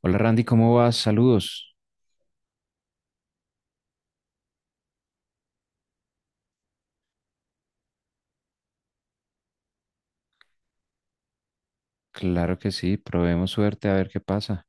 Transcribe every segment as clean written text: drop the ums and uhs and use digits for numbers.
Hola Randy, ¿cómo vas? Saludos. Claro que sí, probemos suerte a ver qué pasa.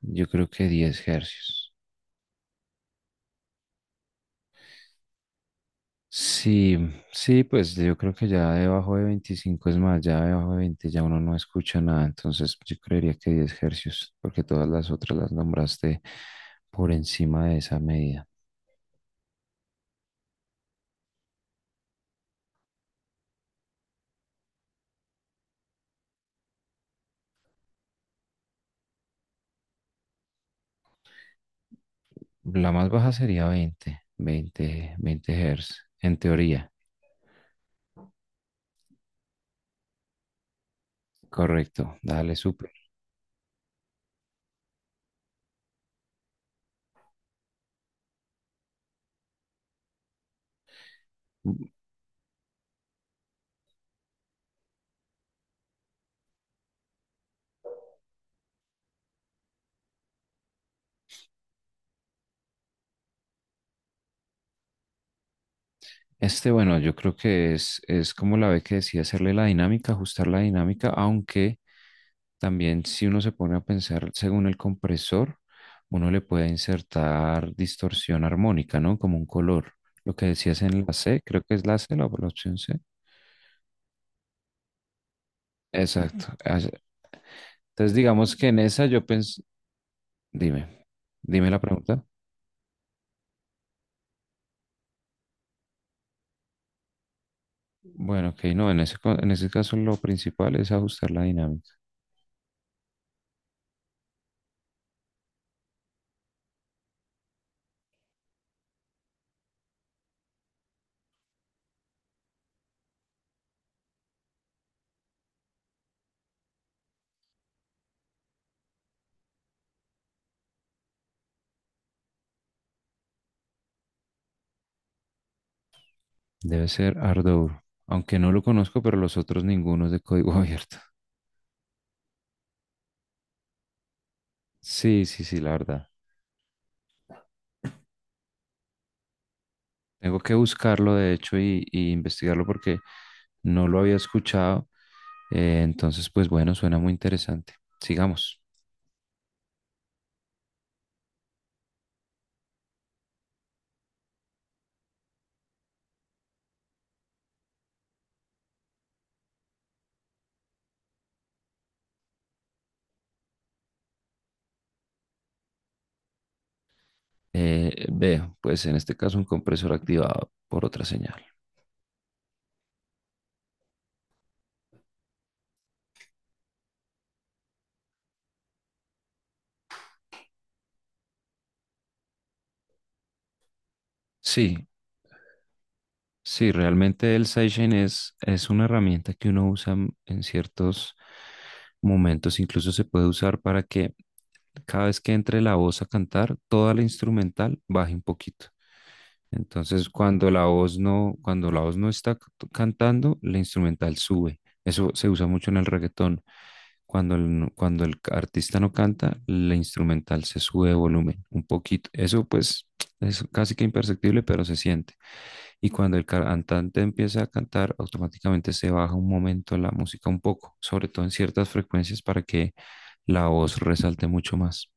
Yo creo que 10 hercios. Sí, sí, pues yo creo que ya debajo de 25 es más, ya debajo de 20 ya uno no escucha nada, entonces yo creería que 10 hercios, porque todas las otras las nombraste por encima de esa medida. La más baja sería 20, 20, 20 hertz, en teoría. Correcto, dale, súper. Este, bueno, yo creo que es como la ve que decía, hacerle la dinámica, ajustar la dinámica, aunque también si uno se pone a pensar según el compresor, uno le puede insertar distorsión armónica, ¿no? Como un color. Lo que decías en la C, creo que es la C, la opción C. Exacto. Ah, ya. Entonces, digamos que en esa yo pensé, dime, dime la pregunta. Bueno, ok, no, en ese caso lo principal es ajustar la dinámica. Debe ser Ardour, aunque no lo conozco, pero los otros ninguno es de código abierto. Sí, sí, sí, la verdad. Tengo que buscarlo, de hecho, y investigarlo porque no lo había escuchado. Entonces, pues bueno, suena muy interesante. Sigamos. Veo, pues en este caso un compresor activado por otra señal. Sí, sí, realmente el sidechain es una herramienta que uno usa en ciertos momentos, incluso se puede usar para que cada vez que entre la voz a cantar, toda la instrumental baja un poquito. Entonces, cuando la voz no está cantando, la instrumental sube. Eso se usa mucho en el reggaetón. Cuando el artista no canta, la instrumental se sube de volumen un poquito. Eso pues es casi que imperceptible, pero se siente. Y cuando el cantante empieza a cantar, automáticamente se baja un momento la música un poco, sobre todo en ciertas frecuencias para que la voz resalte mucho más.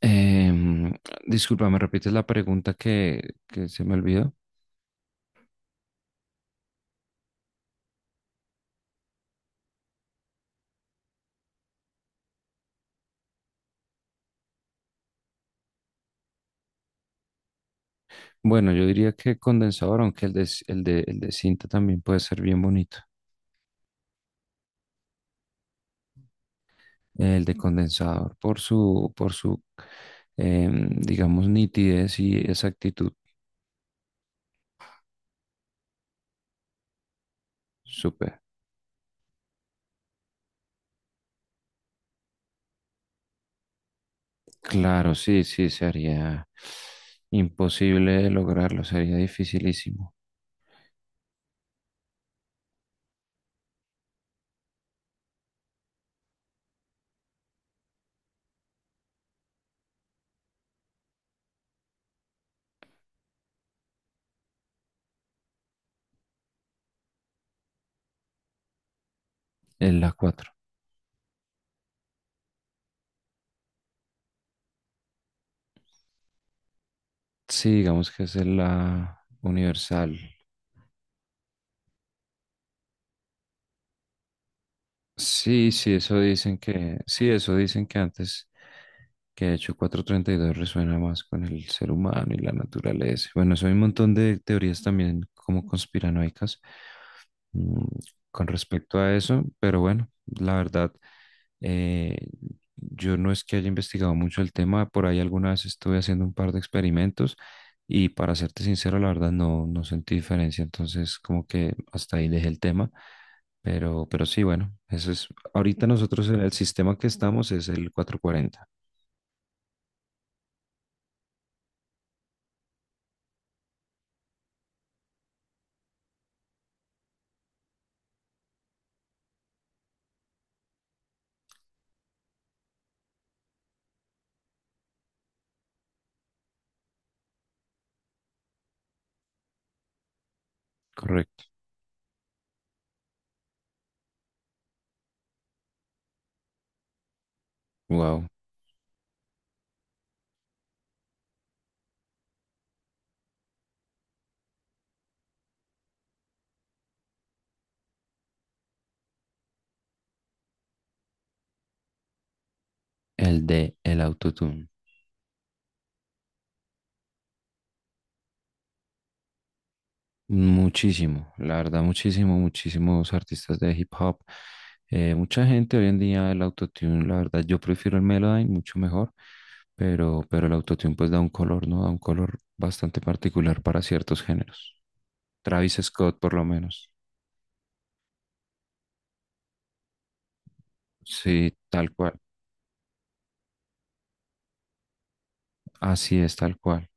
Em, Disculpa, ¿me repites la pregunta que se me olvidó? Bueno, yo diría que condensador, aunque el de, c- el de cinta también puede ser bien bonito. El de condensador por su, digamos, nitidez y exactitud. Súper. Claro, sí, sí, sería imposible lograrlo, sería dificilísimo. En la 4. Sí, digamos que es en la universal. Sí, sí, eso dicen que, sí, eso dicen que antes, que de hecho 432 resuena más con el ser humano y la naturaleza. Bueno, eso hay un montón de teorías también como conspiranoicas, mm, con respecto a eso, pero bueno, la verdad, eh, yo no es que haya investigado mucho el tema, por ahí alguna vez estuve haciendo un par de experimentos y para serte sincero, la verdad no, no sentí diferencia, entonces como que hasta ahí dejé el tema, pero sí, bueno, eso es, ahorita nosotros en el sistema que estamos es el 440, correcto. Wow, el de el autotune. Muchísimo, la verdad, muchísimo, muchísimos artistas de hip hop. Mucha gente hoy en día el autotune, la verdad, yo prefiero el Melodyne mucho mejor, pero el autotune pues da un color, ¿no? Da un color bastante particular para ciertos géneros. Travis Scott, por lo menos. Sí, tal cual. Así es, tal cual.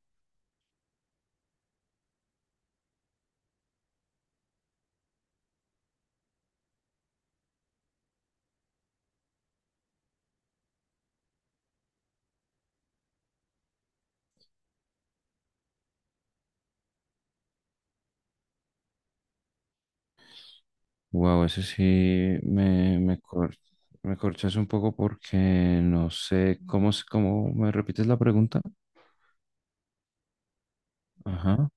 Wow, ese sí me, me, cor- me corchas un poco porque no sé cómo me repites la pregunta. Ajá,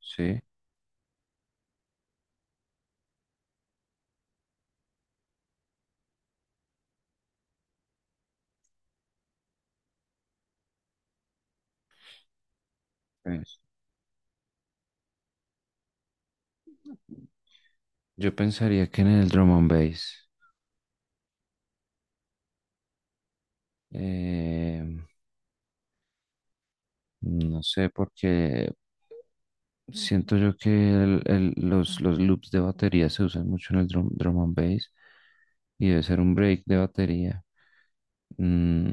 sí, pues. Yo pensaría que en el drum and bass, eh, no sé, porque siento yo que los loops de batería se usan mucho en el drum and bass y debe ser un break de batería.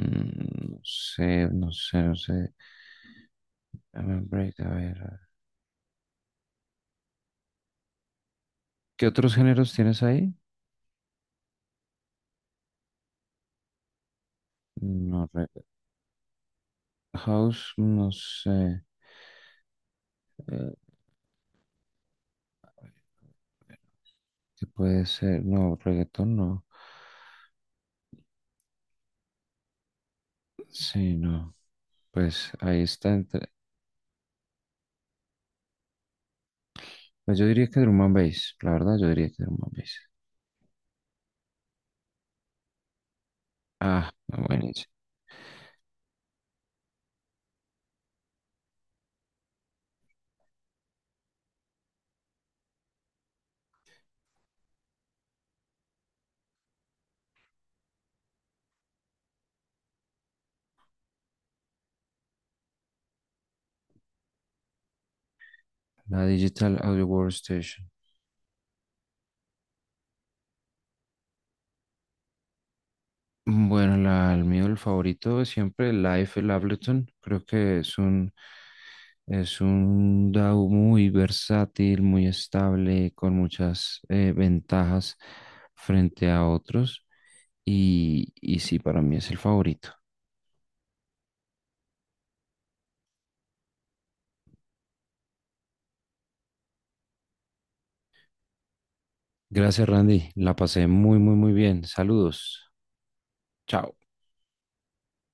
No sé, no sé, no sé. Dame un break, a ver. A ver. ¿Qué otros géneros tienes ahí? No, house, no sé. eh, ¿Qué puede ser? No, reggaetón, no. Sí, no. Pues ahí está. Pues yo diría que Drum and Bass, la verdad, yo diría que Drum and Bass. Ah, bueno, la Digital Audio Workstation. Bueno, el mío, el favorito es siempre, el Live el Ableton. Creo que es un DAW muy versátil, muy estable, con muchas ventajas frente a otros. Y sí, para mí es el favorito. Gracias, Randy. La pasé muy, muy, muy bien. Saludos. Chao.